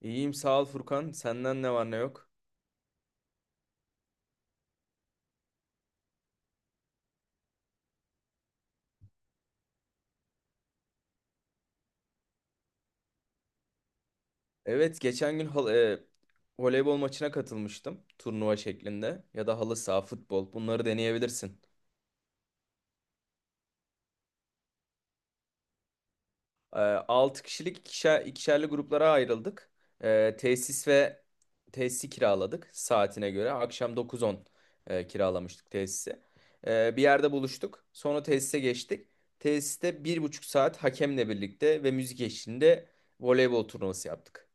İyiyim sağ ol Furkan. Senden ne var ne yok? Evet geçen gün voleybol maçına katılmıştım. Turnuva şeklinde ya da halı saha, futbol bunları deneyebilirsin. E, 6 kişilik ikişerli gruplara ayrıldık. E, tesis ve Tesisi kiraladık saatine göre. Akşam 9-10 kiralamıştık tesisi. Bir yerde buluştuk. Sonra tesise geçtik. Tesiste bir buçuk saat hakemle birlikte ve müzik eşliğinde voleybol turnuvası yaptık.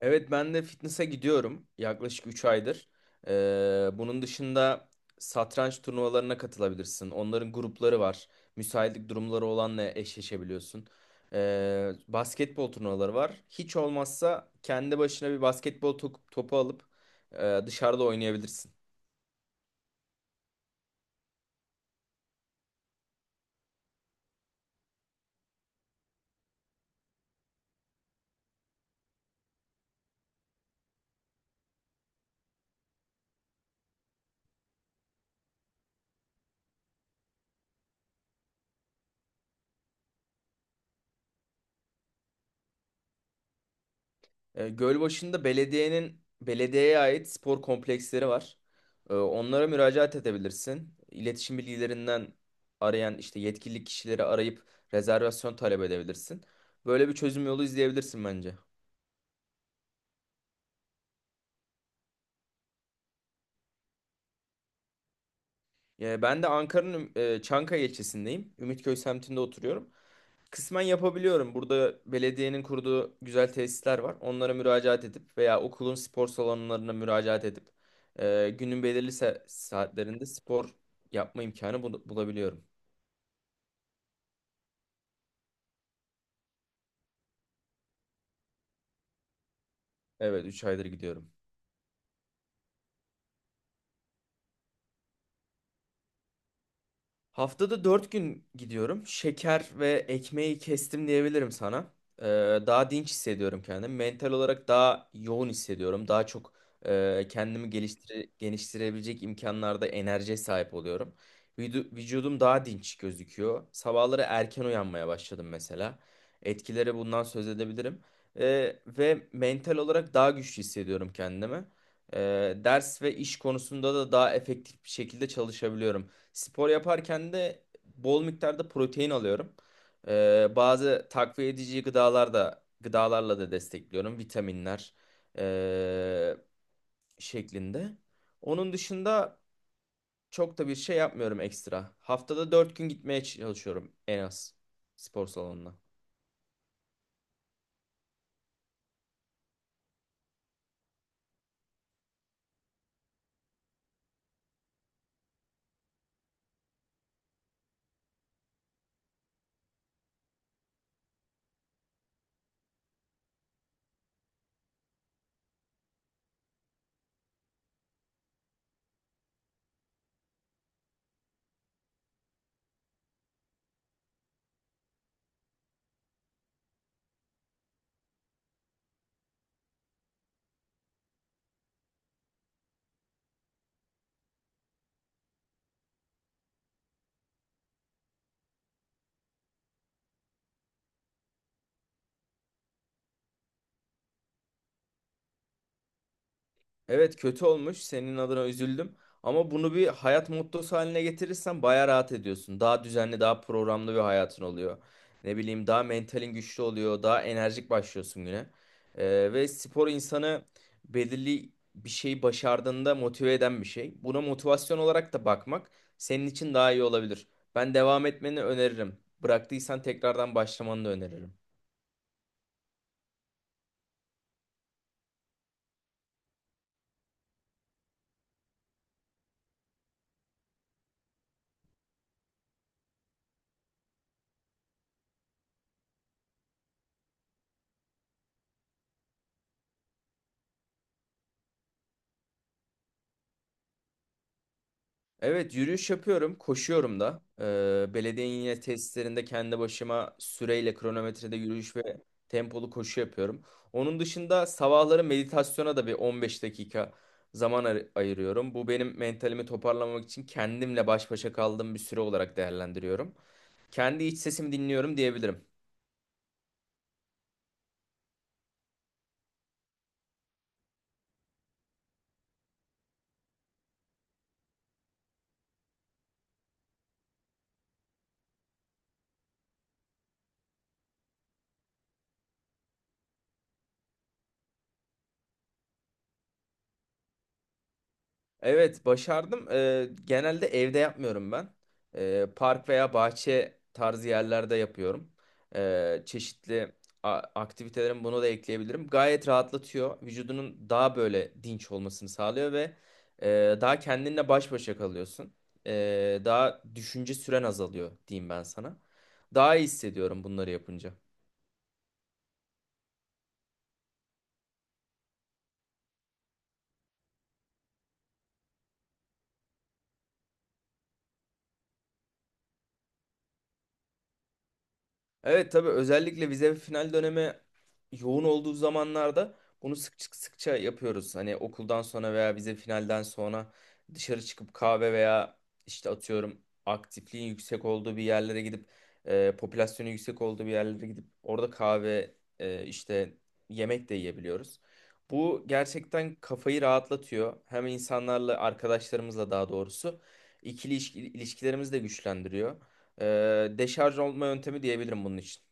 Evet ben de fitness'e gidiyorum yaklaşık 3 aydır. Bunun dışında satranç turnuvalarına katılabilirsin. Onların grupları var. Müsaitlik durumları olanla eşleşebiliyorsun. Basketbol turnuvaları var. Hiç olmazsa kendi başına bir basketbol topu alıp dışarıda oynayabilirsin. Gölbaşı'nda belediyeye ait spor kompleksleri var. Onlara müracaat edebilirsin. İletişim bilgilerinden arayan işte yetkili kişileri arayıp rezervasyon talep edebilirsin. Böyle bir çözüm yolu izleyebilirsin bence. Ben de Ankara'nın Çankaya ilçesindeyim. Ümitköy semtinde oturuyorum. Kısmen yapabiliyorum. Burada belediyenin kurduğu güzel tesisler var. Onlara müracaat edip veya okulun spor salonlarına müracaat edip günün belirli saatlerinde spor yapma imkanı bulabiliyorum. Evet, üç aydır gidiyorum. Haftada 4 gün gidiyorum. Şeker ve ekmeği kestim diyebilirim sana. Ee, Daha dinç hissediyorum kendimi. Mental olarak daha yoğun hissediyorum. Daha çok kendimi geliştirebilecek imkanlarda enerjiye sahip oluyorum. Vücudum daha dinç gözüküyor. Sabahları erken uyanmaya başladım mesela. Etkileri bundan söz edebilirim. Ve mental olarak daha güçlü hissediyorum kendimi. Ders ve iş konusunda da daha efektif bir şekilde çalışabiliyorum. Spor yaparken de bol miktarda protein alıyorum. Bazı takviye edici gıdalarla da destekliyorum. Vitaminler ee, şeklinde. Onun dışında çok da bir şey yapmıyorum ekstra. Haftada 4 gün gitmeye çalışıyorum en az spor salonuna. Evet kötü olmuş. Senin adına üzüldüm. Ama bunu bir hayat mottosu haline getirirsen baya rahat ediyorsun. Daha düzenli, daha programlı bir hayatın oluyor. Ne bileyim daha mentalin güçlü oluyor. Daha enerjik başlıyorsun güne. Ve spor insanı belirli bir şeyi başardığında motive eden bir şey. Buna motivasyon olarak da bakmak senin için daha iyi olabilir. Ben devam etmeni öneririm. Bıraktıysan tekrardan başlamanı da öneririm. Evet yürüyüş yapıyorum, koşuyorum da. Belediyenin yine tesislerinde kendi başıma süreyle kronometrede yürüyüş ve tempolu koşu yapıyorum. Onun dışında sabahları meditasyona da bir 15 dakika zaman ayırıyorum. Bu benim mentalimi toparlamak için kendimle baş başa kaldığım bir süre olarak değerlendiriyorum. Kendi iç sesimi dinliyorum diyebilirim. Evet başardım. Genelde evde yapmıyorum ben. Park veya bahçe tarzı yerlerde yapıyorum. Çeşitli aktivitelerim bunu da ekleyebilirim. Gayet rahatlatıyor. Vücudunun daha böyle dinç olmasını sağlıyor ve daha kendinle baş başa kalıyorsun. Daha düşünce süren azalıyor diyeyim ben sana. Daha iyi hissediyorum bunları yapınca. Evet tabii özellikle vize ve final dönemi yoğun olduğu zamanlarda bunu sık sıkça yapıyoruz. Hani okuldan sonra veya vize finalden sonra dışarı çıkıp kahve veya işte atıyorum aktifliğin yüksek olduğu bir yerlere gidip popülasyonun yüksek olduğu bir yerlere gidip orada kahve işte yemek de yiyebiliyoruz. Bu gerçekten kafayı rahatlatıyor. Hem insanlarla arkadaşlarımızla daha doğrusu ikili ilişkilerimizi de güçlendiriyor. Deşarj olma yöntemi diyebilirim bunun için.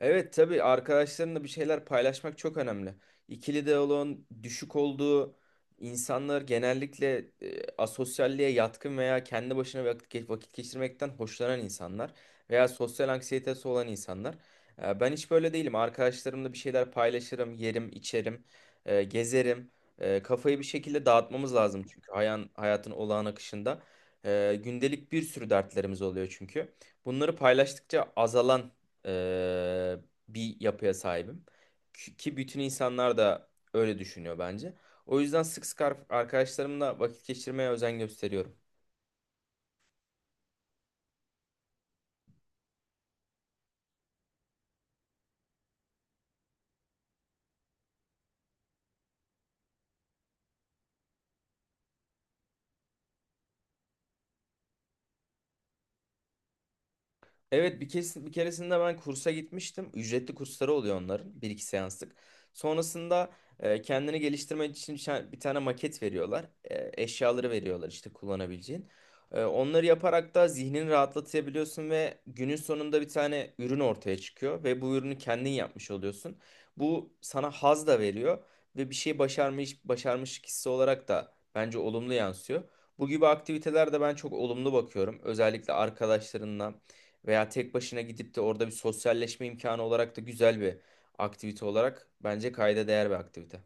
Evet tabii arkadaşlarınla bir şeyler paylaşmak çok önemli. İkili diyaloğun düşük olduğu insanlar genellikle asosyalliğe yatkın veya kendi başına vakit geçirmekten hoşlanan insanlar veya sosyal anksiyetesi olan insanlar. Ben hiç böyle değilim. Arkadaşlarımla bir şeyler paylaşırım, yerim, içerim, gezerim. Kafayı bir şekilde dağıtmamız lazım çünkü hayatın olağan akışında. Gündelik bir sürü dertlerimiz oluyor çünkü. Bunları paylaştıkça azalan e, bir yapıya sahibim. Ki bütün insanlar da öyle düşünüyor bence. O yüzden sık sık arkadaşlarımla vakit geçirmeye özen gösteriyorum. Evet bir keresinde ben kursa gitmiştim. Ücretli kursları oluyor onların. Bir iki seanslık. Sonrasında kendini geliştirmen için bir tane maket veriyorlar. Eşyaları veriyorlar işte kullanabileceğin. Onları yaparak da zihnini rahatlatabiliyorsun ve günün sonunda bir tane ürün ortaya çıkıyor ve bu ürünü kendin yapmış oluyorsun. Bu sana haz da veriyor ve bir şey başarmış hissi olarak da bence olumlu yansıyor. Bu gibi aktivitelerde ben çok olumlu bakıyorum. Özellikle arkadaşlarınla veya tek başına gidip de orada bir sosyalleşme imkanı olarak da güzel bir aktivite olarak bence kayda değer bir aktivite.